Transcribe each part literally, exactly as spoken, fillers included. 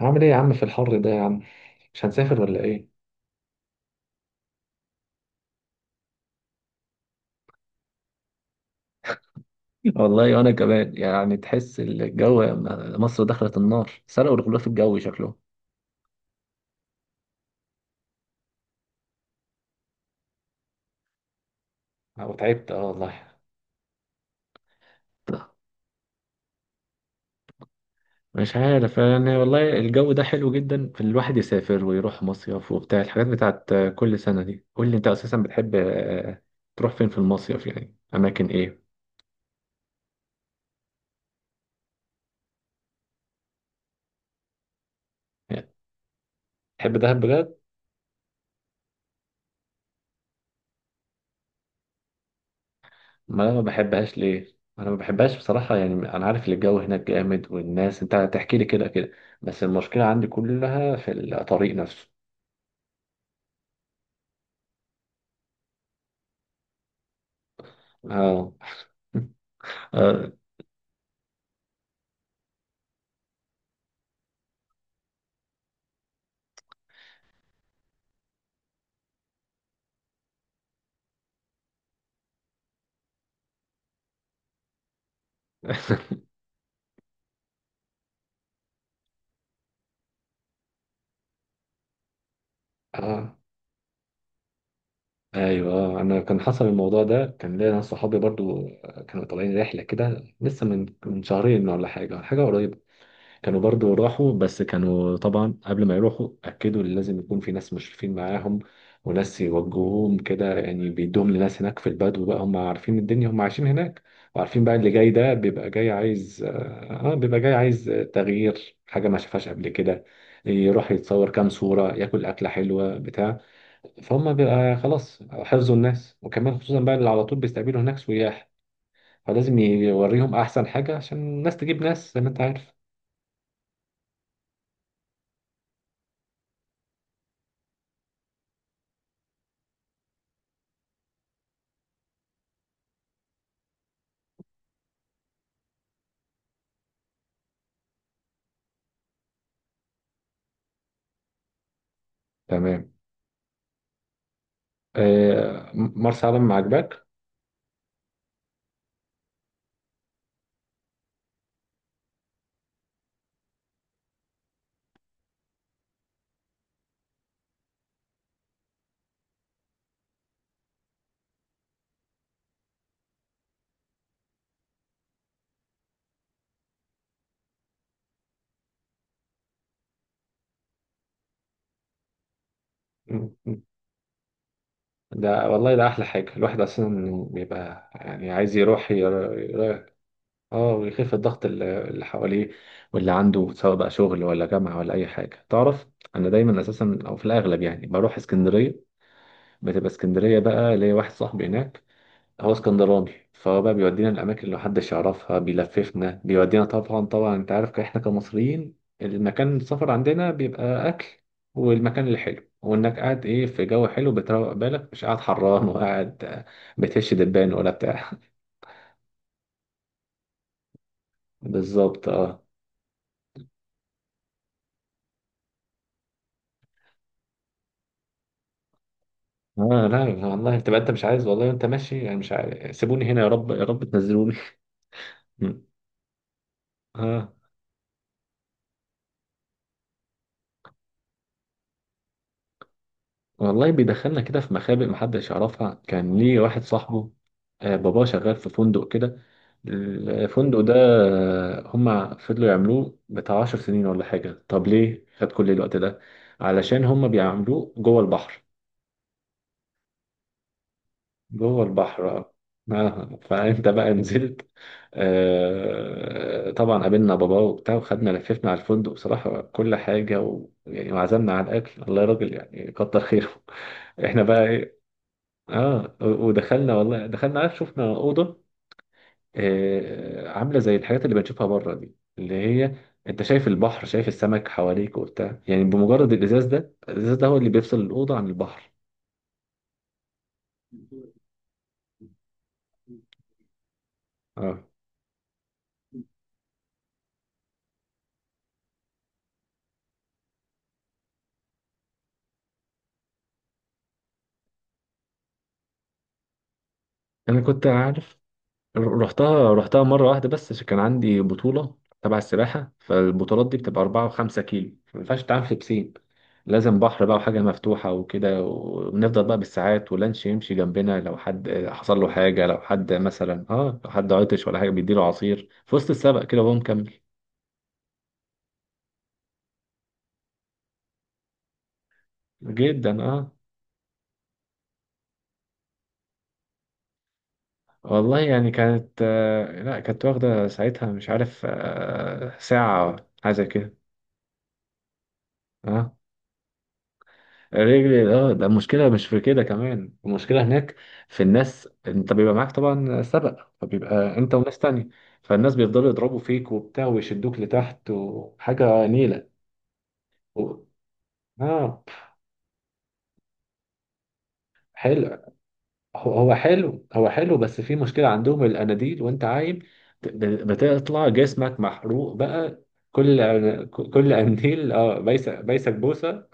هعمل ايه يا عم في الحر ده يا عم؟ مش هنسافر ولا ايه؟ والله وانا كمان يعني تحس الجو. مصر دخلت النار، سرقوا الغلاف الجوي شكله. انا تعبت، اه والله. مش عارف يعني، والله الجو ده حلو جدا في الواحد يسافر ويروح مصيف وبتاع الحاجات بتاعت كل سنة دي. قول لي، انت اساسا بتحب، آه، تروح فين في المصيف؟ يعني اماكن ايه؟ يعني تحب دهب بجد؟ ما انا ما بحبهاش، ليه انا ما بحبهاش بصراحه يعني، انا عارف ان الجو هناك جامد والناس، انت هتحكي لي كده كده. بس المشكله عندي كلها في الطريق نفسه. اه. اه. آه. ايوه، آه. انا كان حصل الموضوع ده، كان ليا ناس صحابي برضو كانوا طالعين رحله كده لسه من من شهرين ولا حاجه حاجه قريبه. كانوا برضو راحوا، بس كانوا طبعا قبل ما يروحوا أكدوا إن لازم يكون في ناس مشرفين معاهم، وناس يوجهوهم كده يعني. بيدوهم لناس هناك في البدو بقى، هم عارفين الدنيا، هم عايشين هناك، وعارفين بقى اللي جاي ده بيبقى جاي عايز، آه آه، بيبقى جاي عايز تغيير حاجة ما شافهاش قبل كده، يروح يتصور كام صورة، ياكل أكلة حلوة بتاع فهم بيبقى خلاص حفظوا الناس، وكمان خصوصا بقى اللي على طول بيستقبلوا هناك سياح، فلازم يوريهم أحسن حاجة عشان الناس تجيب ناس زي ما أنت عارف. تمام. آه، مرسى علم ما عجبك؟ م- م. ده والله ده احلى حاجه. الواحد اصلا بيبقى يعني عايز يروح ير... ير- اه، ويخف الضغط اللي اللي حواليه واللي عنده، سواء بقى شغل ولا جامعه ولا اي حاجه. تعرف انا دايما اساسا او في الاغلب يعني بروح اسكندريه. بتبقى اسكندريه بقى، ليا واحد صاحبي هناك هو اسكندراني، فهو بقى بيودينا الاماكن اللي محدش يعرفها، بيلففنا بيودينا. طبعا طبعا انت عارف احنا كمصريين، المكان السفر عندنا بيبقى اكل والمكان الحلو، وانك قاعد ايه في جو حلو بتروق بالك، مش قاعد حران وقاعد، آه، بتهش دبان ولا بتاع. بالظبط، اه. اه لا والله، تبقى انت مش عايز، والله انت ماشي يعني مش عارف، سيبوني هنا يا رب، يا رب تنزلوني. اه والله بيدخلنا كده في مخابئ محدش يعرفها. كان ليه واحد صاحبه آه، باباه شغال في فندق كده. الفندق ده، آه، هما فضلوا يعملوه بتاع عشر سنين ولا حاجة. طب ليه خد كل الوقت ده؟ علشان هما بيعملوه جوه البحر. جوه البحر، اه. آه، فانت بقى نزلت؟ آه، طبعا، قابلنا باباه وبتاع وخدنا لففنا على الفندق بصراحة كل حاجة و... يعني وعزمنا على الأكل. الله يا راجل، يعني كتر خيره. احنا بقى إيه؟ اه و- ودخلنا والله، دخلنا. عارف، شفنا اوضه آه، عامله زي الحاجات اللي بنشوفها بره دي، اللي هي انت شايف البحر، شايف السمك حواليك وبتاع، يعني بمجرد الازاز ده الازاز ده هو اللي بيفصل الاوضه عن البحر. اه انا كنت عارف. رحتها رحتها مرة واحدة بس عشان كان عندي بطولة تبع السباحة. فالبطولات دي بتبقى أربعة وخمسة كيلو، ما ينفعش تتعامل في بسين. لازم بحر بقى وحاجة مفتوحة وكده، ونفضل بقى بالساعات ولانش يمشي جنبنا لو حد حصل له حاجة، لو حد مثلا، اه، لو حد عطش ولا حاجة بيديله عصير في وسط السبق كده وهو مكمل. جدا اه. والله يعني كانت، آه لا، كانت واخدة ساعتها مش عارف، آه، ساعة أو حاجة زي كده. اه، رجلي، اه. ده المشكله مش في كده كمان، المشكله هناك في الناس. انت بيبقى معاك طبعا سبق، فبيبقى انت وناس تانية، فالناس بيفضلوا يضربوا فيك وبتاع ويشدوك لتحت وحاجه نيله. و... اه حلو. هو هو حلو هو حلو بس في مشكله عندهم، الاناديل وانت عايم ت- بتطلع جسمك محروق بقى. كل كل انديل، اه، بيسك بيسك بوسه.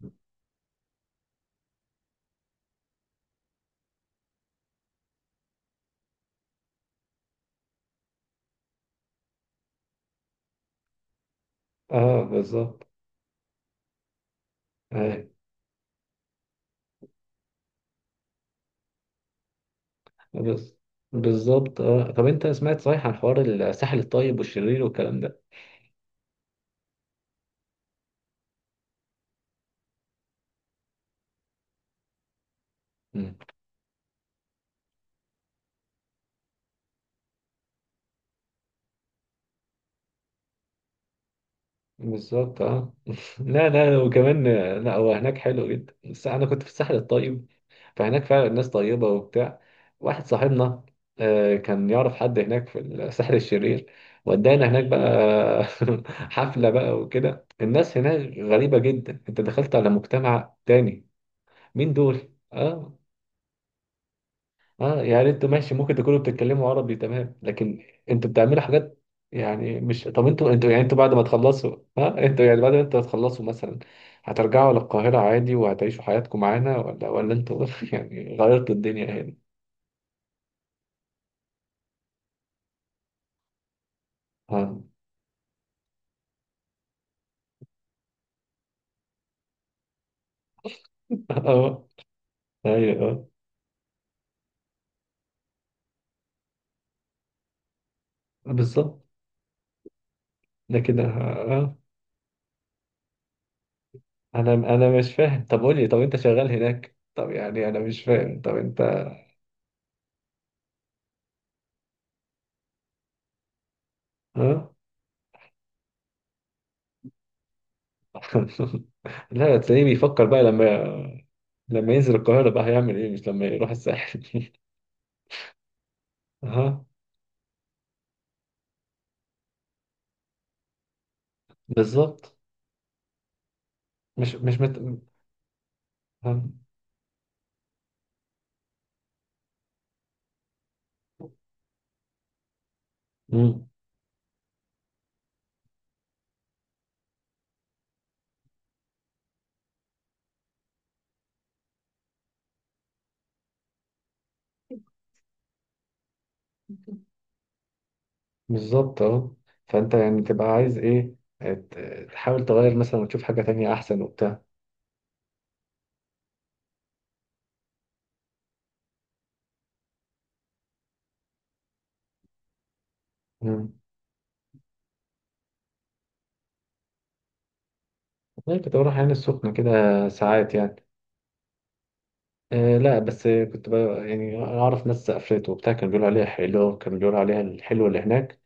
اه بالظبط. آه، بس بالظبط، اه. طب انت سمعت صحيح عن حوار الساحل الطيب والشرير والكلام ده؟ مم. بالظبط، اه. لا لا، وكمان لا، هو هناك حلو جدا بس انا كنت في الساحل الطيب، فهناك فعلا الناس طيبة وبتاع. واحد صاحبنا آه، كان يعرف حد هناك في الساحل الشرير ودانا هناك بقى. حفلة بقى وكده. الناس هناك غريبة جدا، انت دخلت على مجتمع تاني. مين دول؟ اه. اه يعني انتوا ماشي، ممكن تكونوا بتتكلموا عربي تمام، لكن انتوا بتعملوا حاجات يعني. مش طب انتوا انتوا يعني انتوا بعد ما تخلصوا، ها انتوا يعني بعد ما انتوا هتخلصوا مثلا، هترجعوا للقاهرة عادي وهتعيشوا حياتكم معانا، ولا ولا انتوا يعني غيرتوا الدنيا هنا؟ اه. اه ايوه، اه بالظبط. لكن اه اه. انا انا مش فاهم. طب قول لي، طب انت شغال هناك؟ طب يعني انا مش فاهم، طب انت، اه. لا، تلاقيه بيفكر بقى لما، لما ينزل القاهرة بقى هيعمل إيه؟ مش لما يروح الساحل. أها، بالظبط. مش مش مت... أها. مم. بالظبط، أهو. فأنت يعني تبقى عايز إيه، ت- تحاول تغير مثلا وتشوف حاجة تانية أحسن وبتاع. مم. والله كنت بروح عين السخنة كده ساعات يعني. آه لا، بس كنت بقى يعني أعرف ناس سافرت وبتاع كانوا بيقولوا عليها حلوة. كانوا بيقولوا عليها الحلوة اللي هناك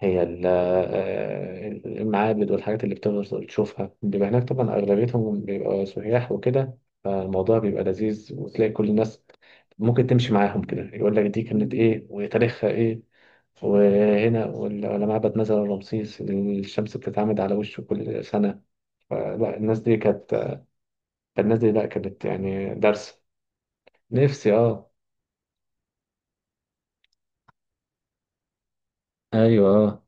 هي ال- آه، المعابد والحاجات اللي بتفضل تشوفها. بيبقى هناك طبعا أغلبيتهم بيبقى سياح وكده، فالموضوع بيبقى لذيذ، وتلاقي كل الناس ممكن تمشي معاهم كده يقول لك دي كانت إيه وتاريخها إيه وهنا، وال- ولا معبد مثلا رمسيس الشمس بتتعمد على وشه كل سنة. فلا الناس دي كانت، الناس دي لا كانت يعني درس. نفسي، اه. ايوه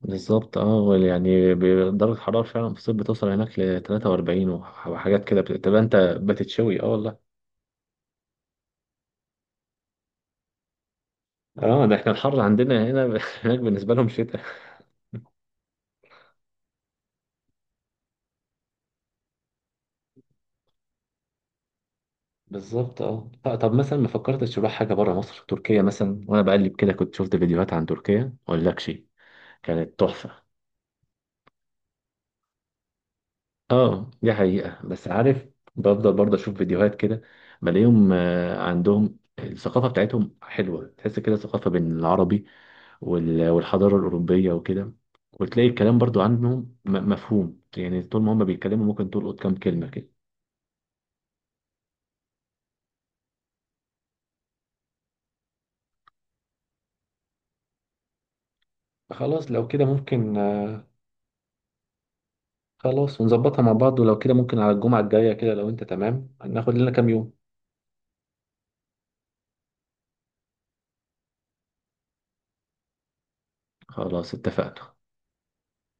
بالظبط، اه وال- يعني ب- درجة الحرارة فعلا في الصيف بتوصل هناك ل ثلاثة وأربعين وح- وحاجات كده بت- تبقى انت بتتشوي. اه والله. اه ده احنا الحر عندنا هنا ب- هناك بالنسبة لهم شتاء. بالظبط، اه. ط- طب مثلا ما فكرتش تروح حاجة بره مصر؟ تركيا مثلا، وانا بقلب كده كنت شفت فيديوهات عن تركيا ما اقولكش، كانت تحفة. اه دي حقيقة، بس عارف بفضل برضه اشوف فيديوهات كده، بلاقيهم آه، عندهم الثقافة بتاعتهم حلوة، تحس كده ثقافة بين العربي وال- والحضارة الأوروبية وكده. وتلاقي الكلام برضو عنهم م- مفهوم يعني، طول ما هم بيتكلموا ممكن تلقط كام كلمة كده. خلاص لو كده ممكن، آه، خلاص، ونظبطها مع بعض. ولو كده ممكن على الجمعة الجاية كده، لو أنت تمام، ناخد لنا كام يوم. خلاص، اتفقنا.